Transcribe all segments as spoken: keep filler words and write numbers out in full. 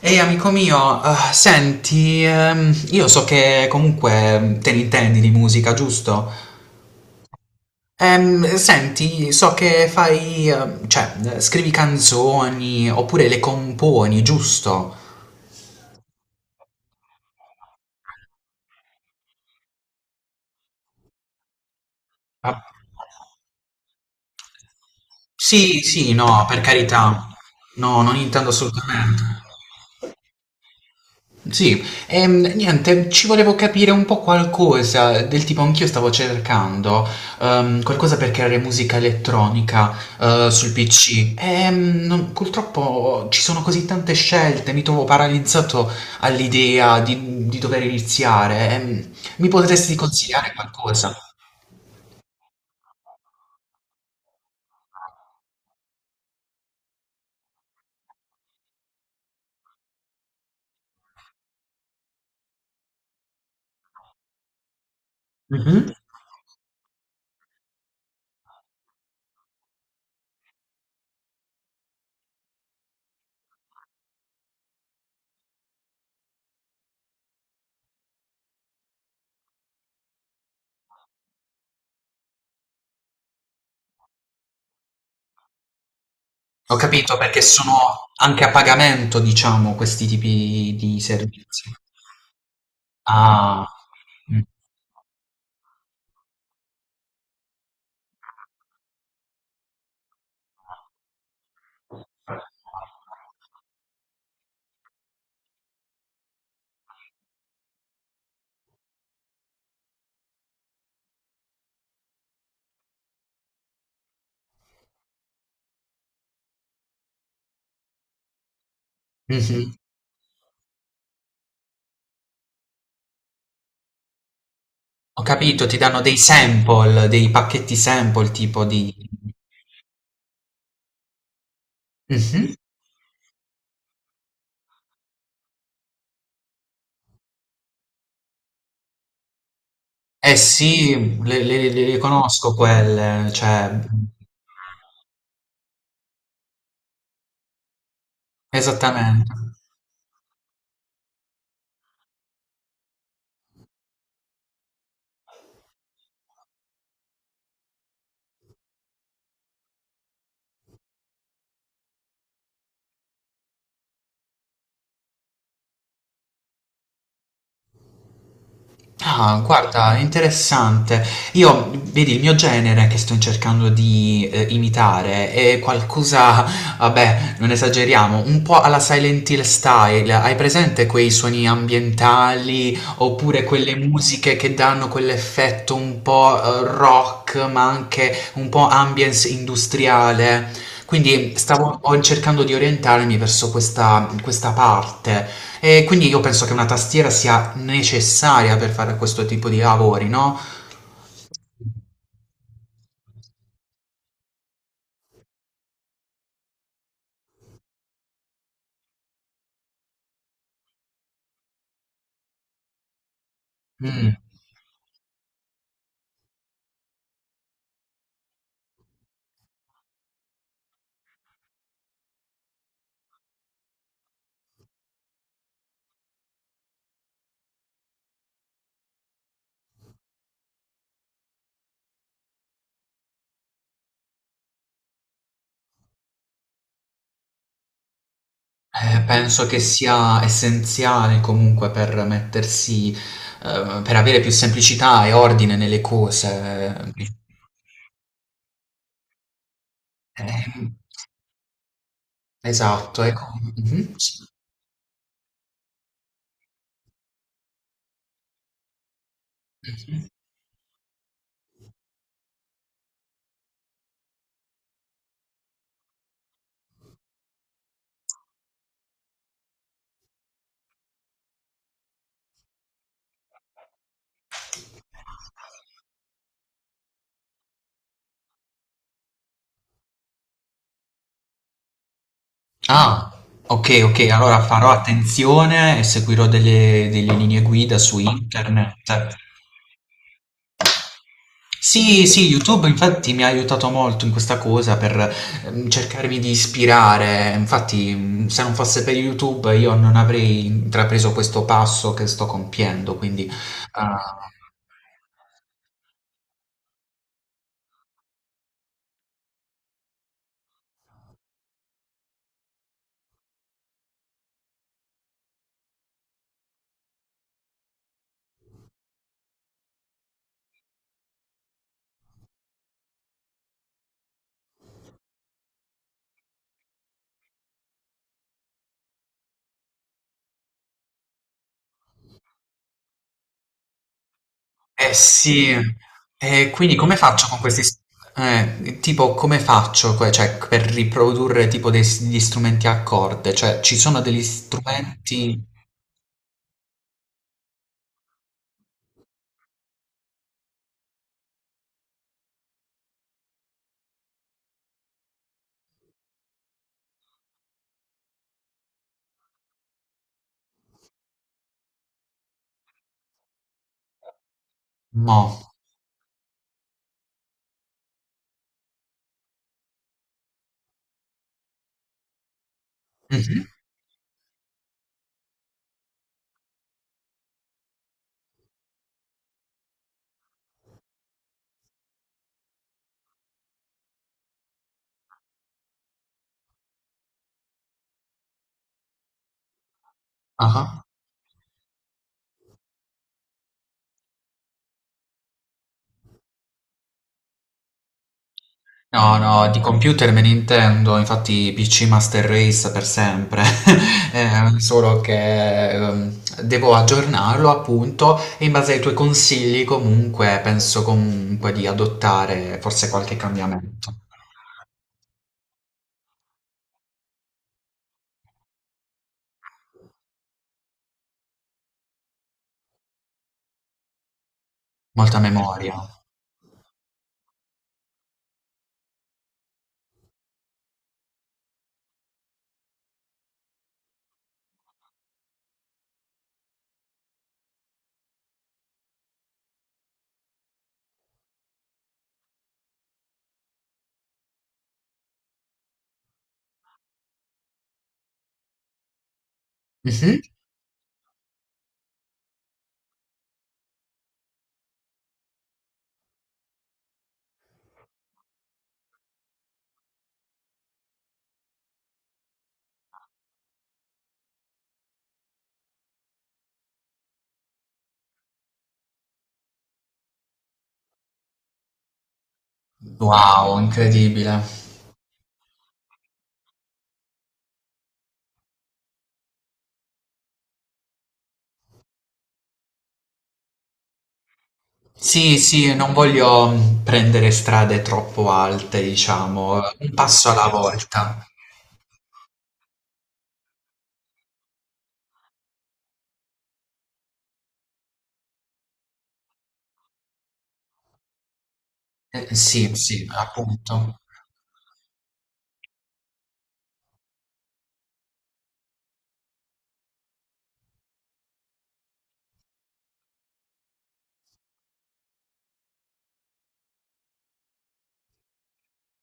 Ehi amico mio, eh, senti, ehm, io so che comunque ehm, te ne intendi di musica, giusto? Ehm, senti, so che fai, ehm, cioè, eh, scrivi canzoni oppure le componi, giusto? Ah, sì, sì, no, per carità. No, non intendo assolutamente. Sì, ehm, niente, ci volevo capire un po' qualcosa, del tipo anch'io stavo cercando ehm, qualcosa per creare musica elettronica eh, sul P C. Ehm, non- purtroppo ci sono così tante scelte, mi trovo paralizzato all'idea di, di dover iniziare. Ehm, mi potresti consigliare qualcosa? Mhm. Ho capito, perché sono anche a pagamento, diciamo, questi tipi di servizi. Ah. Mm. Mh-mh. Ho capito, ti danno dei sample, dei pacchetti sample tipo di mh-mh. Eh sì, le le le le conosco quelle, cioè esattamente. Ah, guarda, interessante. Io, vedi, il mio genere che sto cercando di eh, imitare è qualcosa, vabbè, non esageriamo, un po' alla Silent Hill style. Hai presente quei suoni ambientali oppure quelle musiche che danno quell'effetto un po' eh, rock, ma anche un po' ambience industriale? Quindi stavo ho- cercando di orientarmi verso questa, questa parte. E quindi io penso che una tastiera sia necessaria per fare questo tipo di lavori, no, mhmm, ehm, penso che sia essenziale comunque per mettersi ehm, per avere più semplicità e ordine nelle cose. Ehm, esatto, ecco. Mh-mh, sì, mh-mh. Ah, okay, okay, allora farò attenzione e seguirò delle delle linee guida su internet. Sì, sì, YouTube infatti mi ha aiutato molto in questa cosa per ehm, cercarmi di ispirare. Infatti, mh, se non fosse per YouTube io non avrei intrapreso questo passo che sto compiendo, quindi ah, eh sì. E quindi come faccio con questi s- eh, tipo come faccio que- cioè, per riprodurre tipo dei s- degli strumenti a corde? Cioè, ci sono degli strumenti mo. Mhm. Ah. No, no, di computer me ne intendo, infatti P C Master Race per sempre. Eh, solo che ehm, devo aggiornarlo appunto e in base ai tuoi consigli comunque penso comunque di adottare forse qualche cambiamento. Molta memoria. Mhm. Wow, incredibile. Sì, sì, non voglio mh, prendere strade troppo alte, diciamo, un passo alla volta. Eh, sì, sì, appunto.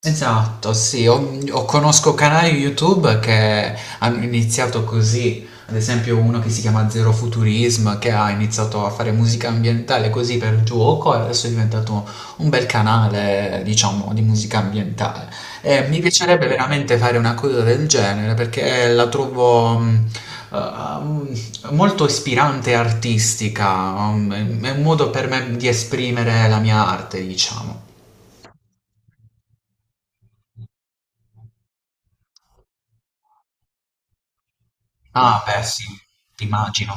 Esatto, sì, ho o conosco canali YouTube che hanno iniziato così, ad esempio uno che si chiama Zero Futurism, che ha iniziato a fare musica ambientale così per gioco e adesso è diventato un bel canale, diciamo, di musica ambientale. E mi piacerebbe veramente fare una cosa del genere perché la trovo mh, eh, mm, molto ispirante e artistica, mh, è un modo per me di esprimere la mia arte, diciamo. Ah, beh, sì, immagino.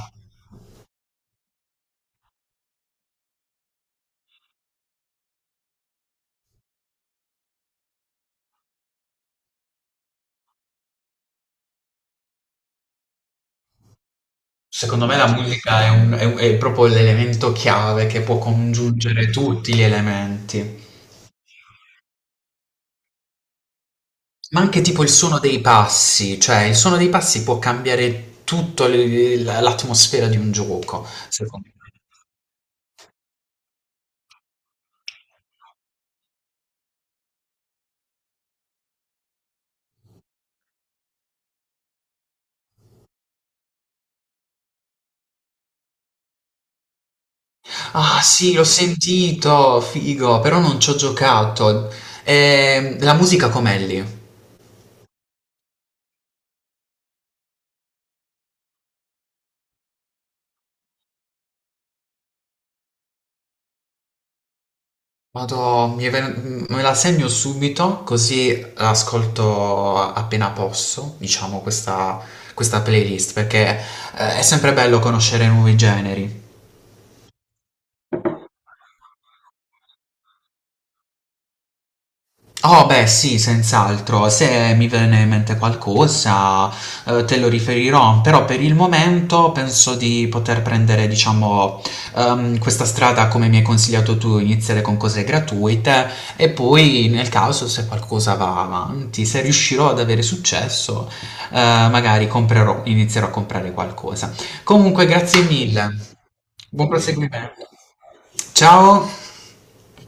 Secondo me la musica è, un- è- è proprio l'elemento chiave che può congiungere tutti gli elementi. Ma anche tipo il suono dei passi, cioè il suono dei passi può cambiare tutta l'atmosfera di un gioco. Ah, sì, l'ho sentito, figo, però non ci ho giocato. Ehm, la musica com'è lì? Vado, mi ven- me la segno subito, così l'ascolto a- appena posso, diciamo, questa, questa playlist, perché eh, è sempre bello conoscere nuovi generi. Oh beh sì, senz'altro, se mi viene in mente qualcosa, eh, te lo riferirò, però per il momento penso di poter prendere, diciamo, ehm, questa strada come mi hai consigliato tu, iniziare con cose gratuite e poi nel caso se qualcosa va avanti, se riuscirò ad avere successo, eh, magari comprerò, inizierò a comprare qualcosa. Comunque, grazie mille, buon Figurati. Proseguimento. Ciao!